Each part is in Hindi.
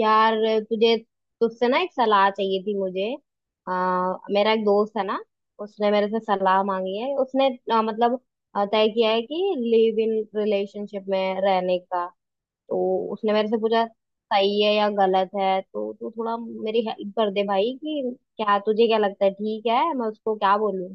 यार, तुझे तुझसे ना एक सलाह चाहिए थी मुझे। मेरा एक दोस्त है ना, उसने मेरे से सलाह मांगी है उसने। मतलब तय किया है कि लिव इन रिलेशनशिप में रहने का। तो उसने मेरे से पूछा सही है या गलत है, तो तू थोड़ा मेरी हेल्प कर दे भाई, कि क्या तुझे क्या लगता है, ठीक है, मैं उसको क्या बोलूं?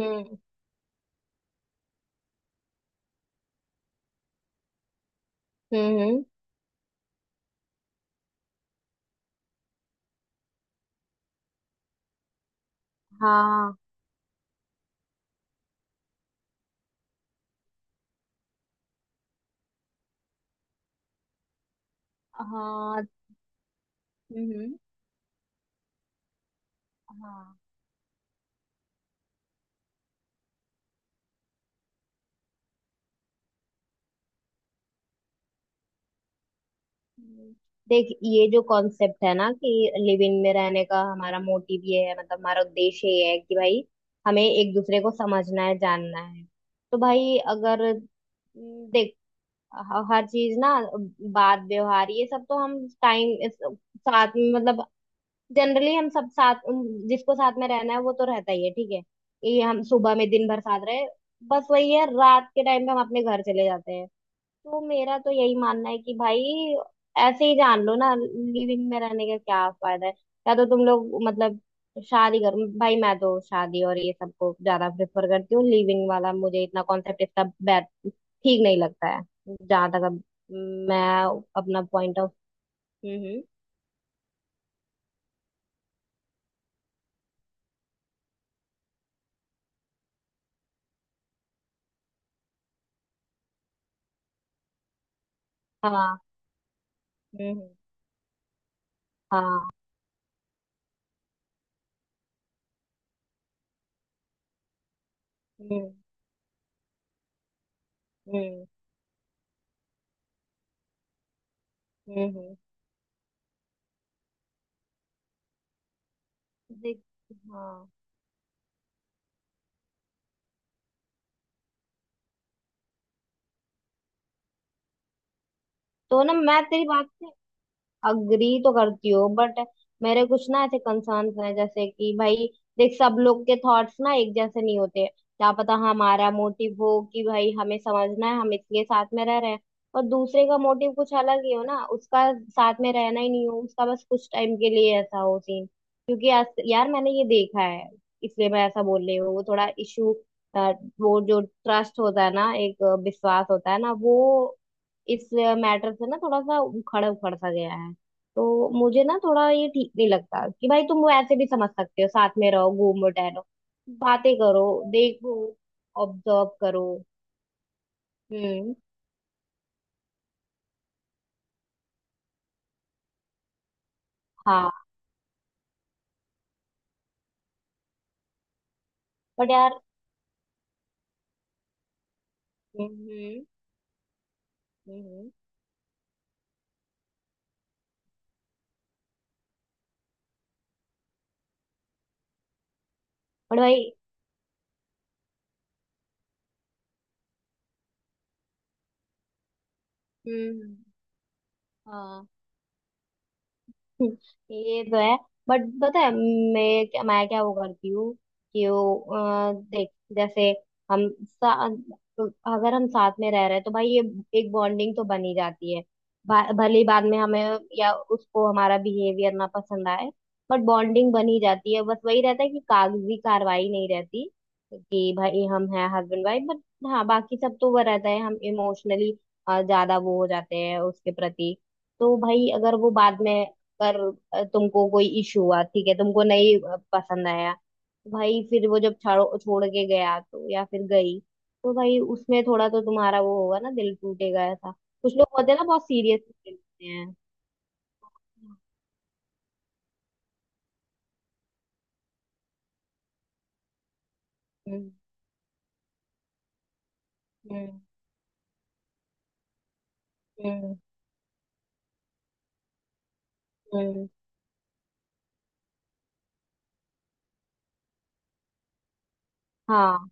हम्म, हम्म, हाँ। हाँ। हम्म, हाँ। हम्म। देख, ये जो कॉन्सेप्ट है ना कि लिव इन में रहने का हमारा मोटिव ये है, मतलब हमारा उद्देश्य ये है कि भाई हमें एक दूसरे को समझना है, जानना है। तो भाई अगर देख, हर चीज ना, बात व्यवहार ये सब तो हम टाइम साथ में मतलब जनरली हम सब साथ जिसको साथ में रहना है वो तो रहता ही है, ठीक है। ये हम सुबह में दिन भर साथ रहे, बस वही है, रात के टाइम पे हम अपने घर चले जाते हैं। तो मेरा तो यही मानना है कि भाई ऐसे ही जान लो ना, लिविंग में रहने का क्या फायदा है? या तो तुम लोग मतलब शादी करो भाई। मैं तो शादी और ये सबको ज्यादा प्रेफर करती हूँ। लिविंग वाला मुझे इतना कॉन्सेप्ट इसका बैड ठीक नहीं लगता है। जहां तक अब मैं अपना पॉइंट ऑफ... हम्म। हाँ। हम्म। हाँ। हम्म। हाँ। हम्म, हम्म, हम्म, हम्म। देख। हाँ। तो ना मैं तेरी बात से अग्री तो करती हो, बट मेरे कुछ ना ऐसे कंसर्न्स हैं, जैसे कि भाई देख सब लोग के थॉट्स ना एक जैसे नहीं होते। क्या पता हमारा मोटिव हो कि भाई हमें समझना है, हम इसलिए साथ में रह रहे हैं, और दूसरे का मोटिव कुछ अलग ही हो ना, उसका साथ में रहना ही नहीं हो, उसका बस कुछ टाइम के लिए ऐसा हो सीन। क्योंकि यार मैंने ये देखा है, इसलिए मैं ऐसा बोल रही हूँ। वो थोड़ा इशू, वो जो ट्रस्ट होता है ना, एक विश्वास होता है ना, वो इस मैटर से ना थोड़ा सा उखड़ उखड़ सा गया है। तो मुझे ना थोड़ा ये ठीक नहीं लगता कि भाई तुम वो ऐसे भी समझ सकते हो। साथ में रहो, घूमो टहलो, बातें करो, देखो, ऑब्जर्व करो। हम्म। हाँ। बट यार। हम्म, हम्म, हम्म, हम्म। बट भाई। हम्म। हाँ, ये तो है। बट पता है मैं क्या वो करती हूँ, कि वो देख, जैसे हम सा, तो अगर हम साथ में रह रहे हैं तो भाई ये एक बॉन्डिंग तो बन ही जाती है। भले ही बाद में हमें या उसको हमारा बिहेवियर ना पसंद आए, बट बॉन्डिंग बन ही जाती है। बस वही रहता है कि कागजी कार्रवाई नहीं रहती, कि भाई हम हैं हस्बैंड वाइफ, बट हाँ बाकी सब तो वो रहता है, हम इमोशनली ज्यादा वो हो जाते हैं उसके प्रति। तो भाई अगर वो बाद में पर तुमको कोई इशू हुआ, ठीक है, तुमको नहीं पसंद आया, भाई फिर वो जब छाड़ो छोड़ के गया तो या फिर गई, तो भाई उसमें थोड़ा तो तुम्हारा वो होगा ना, दिल टूटेगा ऐसा। कुछ लोग होते हैं ना बहुत सीरियस लेते हैं। हम्म, हम्म, हम्म, हम्म। हाँ।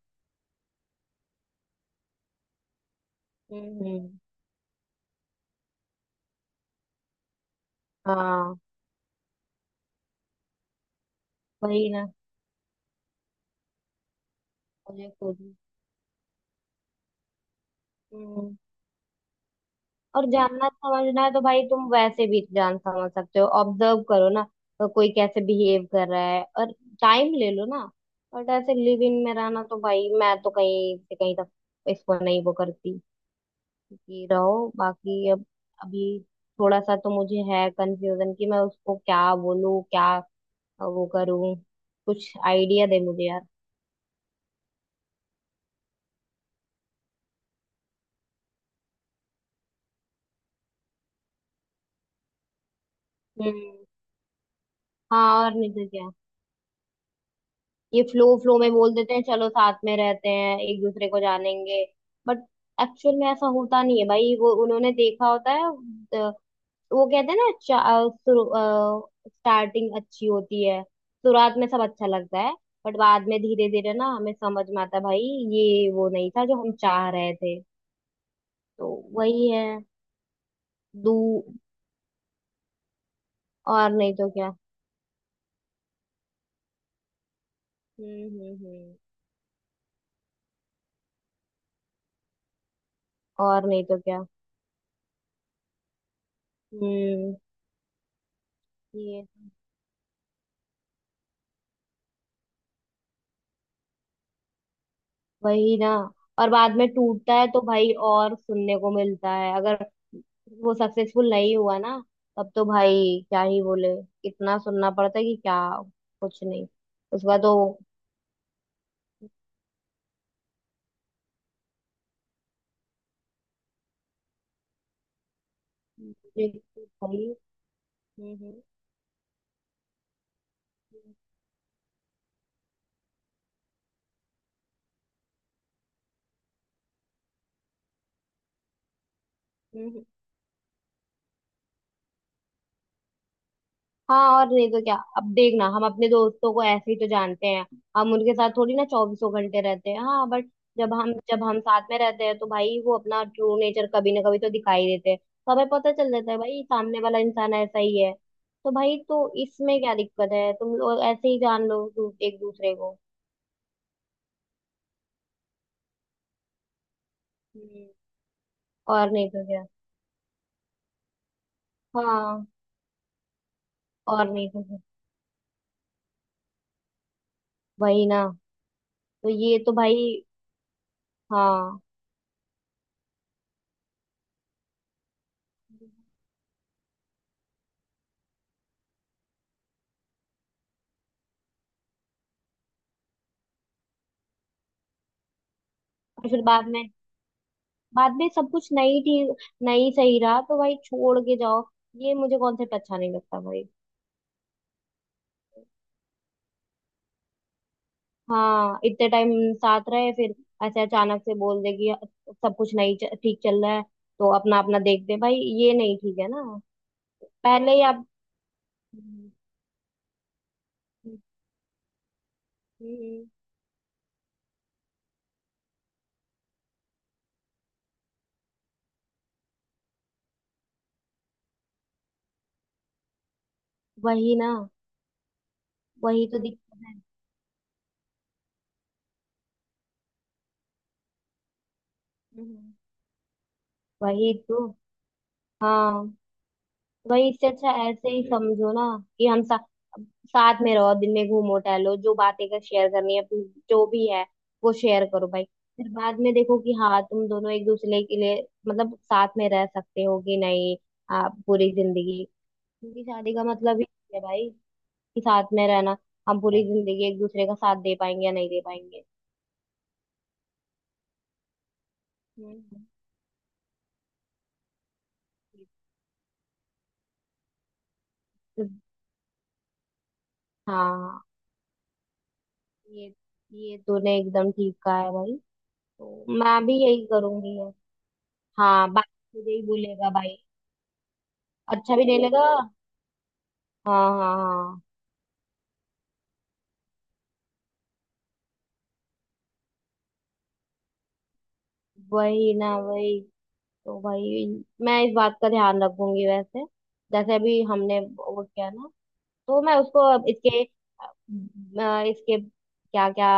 हम्म, हाँ। वही ना, मुझे खुद। हम्म। और जानना समझना है तो भाई तुम वैसे भी जान समझ सकते हो, ऑब्जर्व करो ना तो कोई कैसे बिहेव कर रहा है, और टाइम ले लो ना। बट ऐसे लिव इन में रहना तो भाई मैं तो कहीं से कहीं तक इसको नहीं वो करती कि रहो। बाकी अब अभी थोड़ा सा तो मुझे है कंफ्यूजन कि मैं उसको क्या बोलूं, क्या वो करूं? कुछ आइडिया दे मुझे यार। हम्म। हाँ, और नहीं तो क्या। ये फ्लो फ्लो में बोल देते हैं चलो साथ में रहते हैं, एक दूसरे को जानेंगे, बट एक्चुअल में ऐसा होता नहीं है भाई। वो उन्होंने देखा होता है वो कहते हैं ना स्टार्टिंग अच्छी होती है, शुरुआत में सब अच्छा लगता है, बट बाद में धीरे धीरे ना हमें समझ में आता है, भाई ये वो नहीं था जो हम चाह रहे थे। तो वही है। दू और नहीं तो क्या। हम्म, हम्म, हम्म, और नहीं तो क्या। हम्म, ये, वही ना। और बाद में टूटता है तो भाई, और सुनने को मिलता है, अगर वो सक्सेसफुल नहीं हुआ ना, तब तो भाई क्या ही बोले। इतना सुनना पड़ता है कि क्या, कुछ नहीं। उसका तो भाई। हम्म, हम्म, हम्म, हाँ, और नहीं तो क्या। अब देखना हम अपने दोस्तों को ऐसे ही तो जानते हैं, हम उनके साथ थोड़ी ना चौबीसों घंटे रहते हैं, हाँ बट जब हम साथ में रहते हैं तो भाई वो अपना ट्रू नेचर कभी ना कभी तो दिखाई देते हैं, तो हमें पता चल जाता है भाई सामने वाला इंसान ऐसा ही है। तो भाई तो इसमें क्या दिक्कत है, तुम लोग ऐसे ही जान लो एक दूसरे को। हम्म, और नहीं तो क्या। हाँ, और नहीं तो क्या। वही ना। तो ये तो भाई। हाँ। और फिर बाद में सब कुछ नहीं ठीक, नहीं सही रहा तो भाई छोड़ के जाओ। ये मुझे कॉन्सेप्ट अच्छा नहीं लगता भाई। हाँ, इतने टाइम साथ रहे फिर ऐसे अचानक से बोल दे कि सब कुछ नहीं ठीक चल रहा है, तो अपना अपना देखते हैं। भाई ये नहीं ठीक है ना, पहले ही आप... हम्म, हम्म, वही ना, वही तो दिक्कत है। हम्म। वही तो। हाँ वही। इससे अच्छा ऐसे ही समझो ना, कि साथ में रहो, दिन में घूमो टहलो, जो बातें कर शेयर करनी है अपनी, जो भी है वो शेयर करो भाई। फिर बाद में देखो कि हाँ, तुम दोनों एक दूसरे के लिए मतलब साथ में रह सकते हो कि नहीं, आप पूरी जिंदगी। क्योंकि शादी का मतलब ही है भाई कि साथ में रहना, हम पूरी जिंदगी एक दूसरे का साथ दे पाएंगे या नहीं दे पाएंगे। हम्म। तो- हाँ, ये ये तूने एकदम ठीक कहा है भाई। तो मैं भी यही करूंगी। हाँ बाप, मुझे ही बोलेगा भाई, अच्छा भी नहीं लगा। हाँ, हाँ, हाँ। वही ना, वही। तो भाई मैं इस बात का ध्यान रखूंगी वैसे, जैसे अभी हमने वो किया ना, तो मैं उसको अब इसके क्या क्या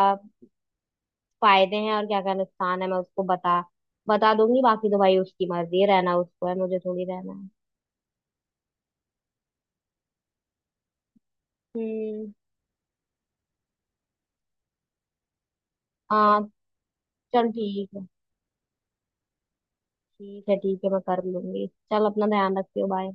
फायदे हैं और क्या क्या नुकसान है मैं उसको बता बता दूंगी। बाकी तो भाई उसकी मर्जी है, रहना उसको है, मुझे थोड़ी रहना है। हम्म। हाँ। चल ठीक है, ठीक है, ठीक है मैं कर लूंगी। चल अपना ध्यान रखियो, बाय।